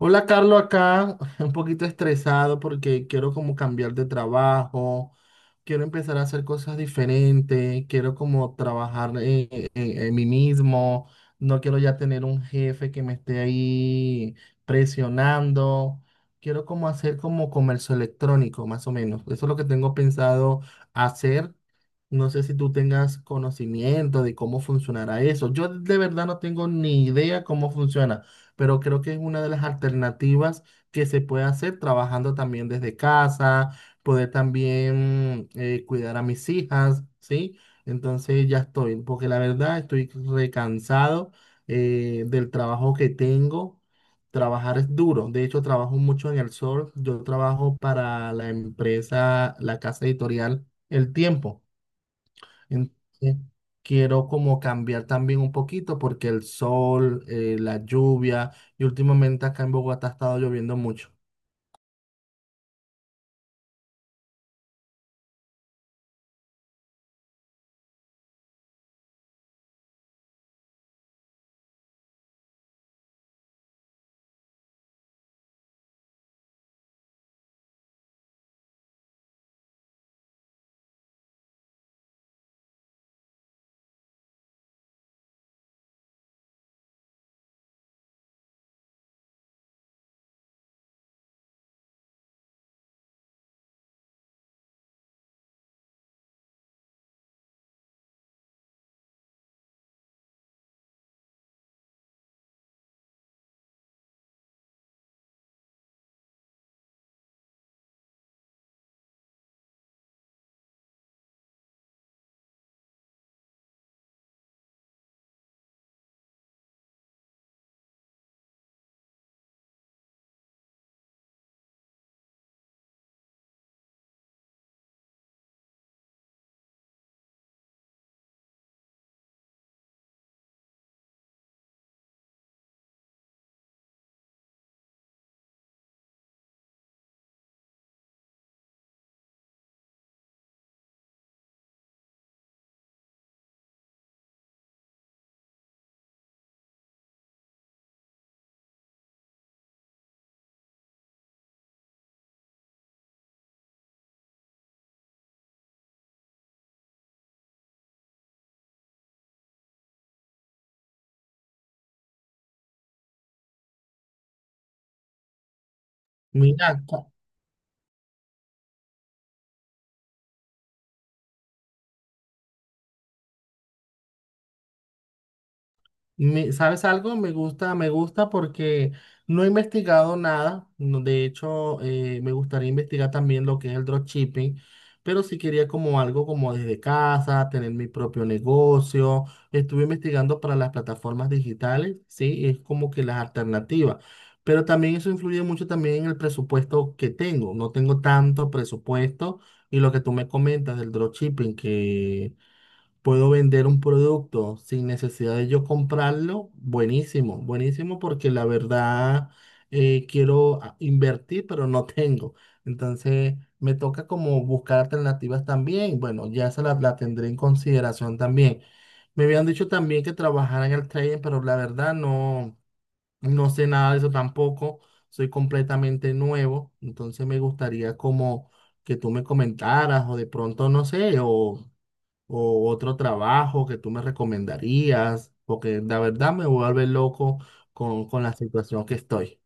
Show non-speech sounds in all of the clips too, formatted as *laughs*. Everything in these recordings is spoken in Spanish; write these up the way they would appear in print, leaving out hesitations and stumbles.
Hola, Carlos, acá *laughs* un poquito estresado porque quiero como cambiar de trabajo, quiero empezar a hacer cosas diferentes, quiero como trabajar en mí mismo, no quiero ya tener un jefe que me esté ahí presionando, quiero como hacer como comercio electrónico, más o menos. Eso es lo que tengo pensado hacer. No sé si tú tengas conocimiento de cómo funcionará eso. Yo de verdad no tengo ni idea cómo funciona, pero creo que es una de las alternativas que se puede hacer trabajando también desde casa, poder también cuidar a mis hijas, ¿sí? Entonces ya estoy, porque la verdad estoy recansado del trabajo que tengo. Trabajar es duro, de hecho trabajo mucho en el sol, yo trabajo para la empresa, la casa editorial El Tiempo. Entonces, quiero como cambiar también un poquito porque el sol, la lluvia y últimamente acá en Bogotá ha estado lloviendo mucho. Mira, ¿sabes algo? Me gusta porque no he investigado nada. De hecho, me gustaría investigar también lo que es el dropshipping, pero sí quería como algo como desde casa, tener mi propio negocio. Estuve investigando para las plataformas digitales, sí, es como que las alternativas. Pero también eso influye mucho también en el presupuesto que tengo. No tengo tanto presupuesto, y lo que tú me comentas del dropshipping, puedo vender un producto sin necesidad de yo comprarlo, buenísimo, buenísimo porque la verdad quiero invertir, pero no tengo. Entonces me toca como buscar alternativas también. Bueno, ya esa la tendré en consideración también. Me habían dicho también que trabajara en el trading, pero la verdad no, no sé nada de eso tampoco. Soy completamente nuevo, entonces me gustaría como que tú me comentaras o de pronto, no sé, o otro trabajo que tú me recomendarías, porque la verdad me vuelve loco con la situación que estoy.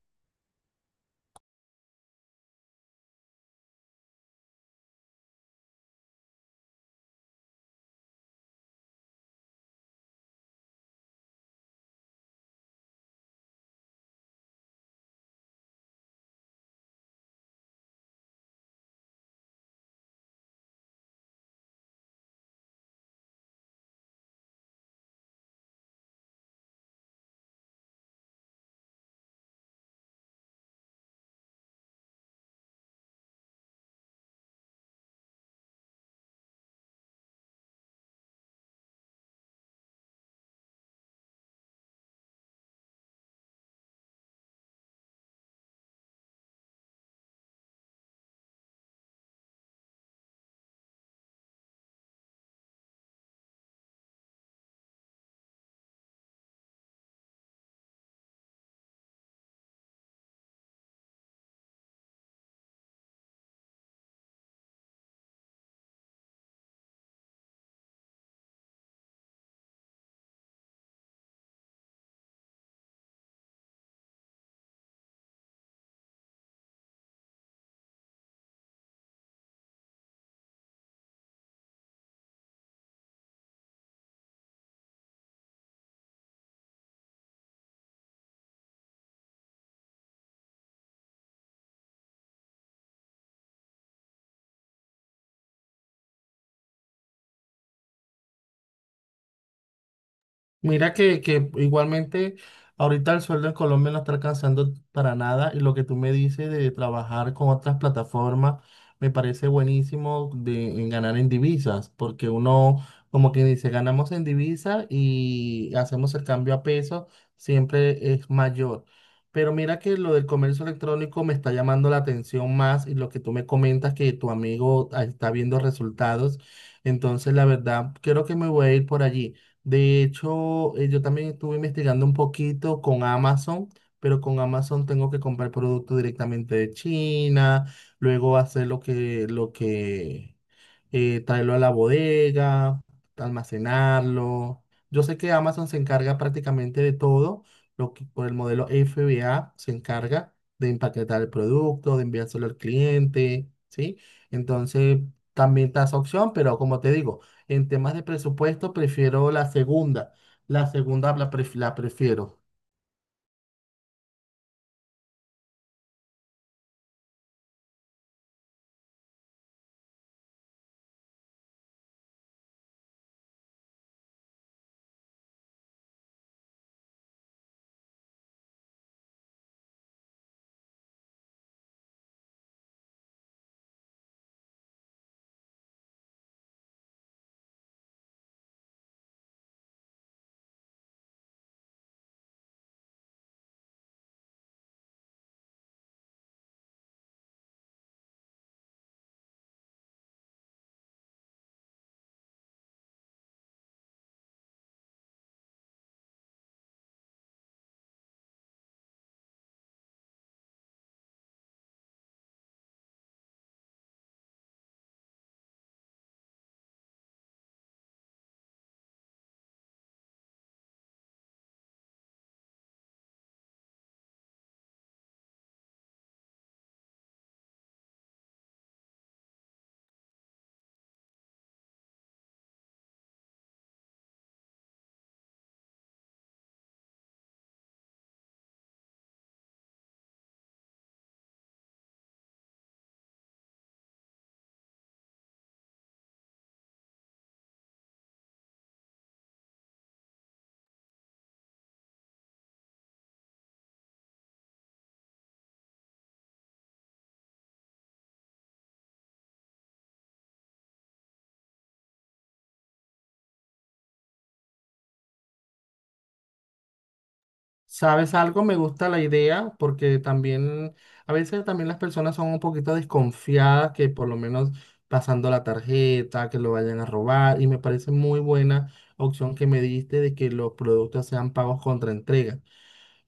Mira que igualmente ahorita el sueldo en Colombia no está alcanzando para nada, y lo que tú me dices de trabajar con otras plataformas me parece buenísimo de, en ganar en divisas, porque uno como que dice ganamos en divisas y hacemos el cambio a peso, siempre es mayor. Pero mira que lo del comercio electrónico me está llamando la atención más, y lo que tú me comentas que tu amigo ah, está viendo resultados, entonces la verdad creo que me voy a ir por allí. De hecho, yo también estuve investigando un poquito con Amazon, pero con Amazon tengo que comprar productos directamente de China, luego hacer lo que, traerlo a la bodega, almacenarlo. Yo sé que Amazon se encarga prácticamente de todo, lo que por el modelo FBA se encarga de empaquetar el producto, de enviárselo al cliente, ¿sí? Entonces, también está esa opción, pero como te digo, en temas de presupuesto, prefiero la segunda. La segunda la prefiero. ¿Sabes algo? Me gusta la idea porque también, a veces también las personas son un poquito desconfiadas que por lo menos pasando la tarjeta, que lo vayan a robar. Y me parece muy buena opción que me diste de que los productos sean pagos contra entrega.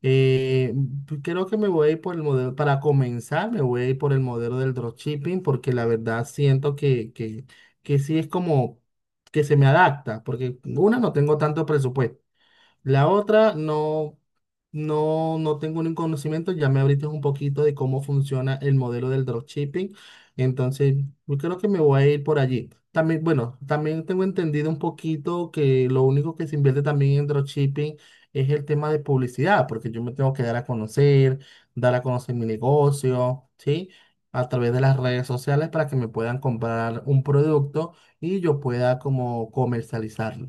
Eh, pues creo que me voy a ir por el modelo, para comenzar, me voy a ir por el modelo del dropshipping porque la verdad siento que sí es como que se me adapta, porque una, no tengo tanto presupuesto. La otra, no, no tengo ningún conocimiento. Ya me abriste un poquito de cómo funciona el modelo del dropshipping. Entonces, yo creo que me voy a ir por allí. También, bueno, también tengo entendido un poquito que lo único que se invierte también en dropshipping es el tema de publicidad, porque yo me tengo que dar a conocer mi negocio, ¿sí? A través de las redes sociales para que me puedan comprar un producto y yo pueda como comercializarlo.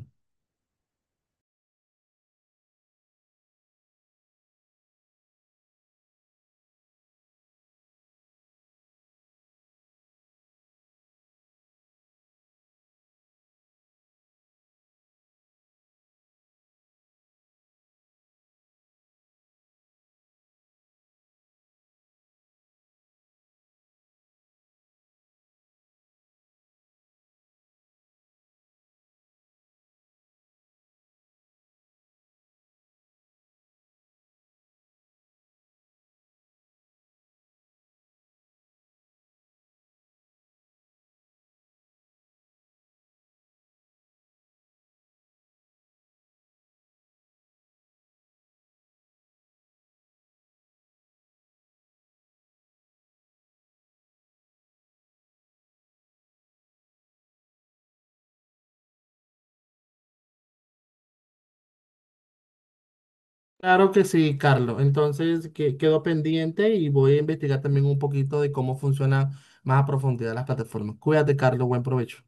Claro que sí, Carlos. Entonces, quedo pendiente y voy a investigar también un poquito de cómo funcionan más a profundidad las plataformas. Cuídate, Carlos. Buen provecho.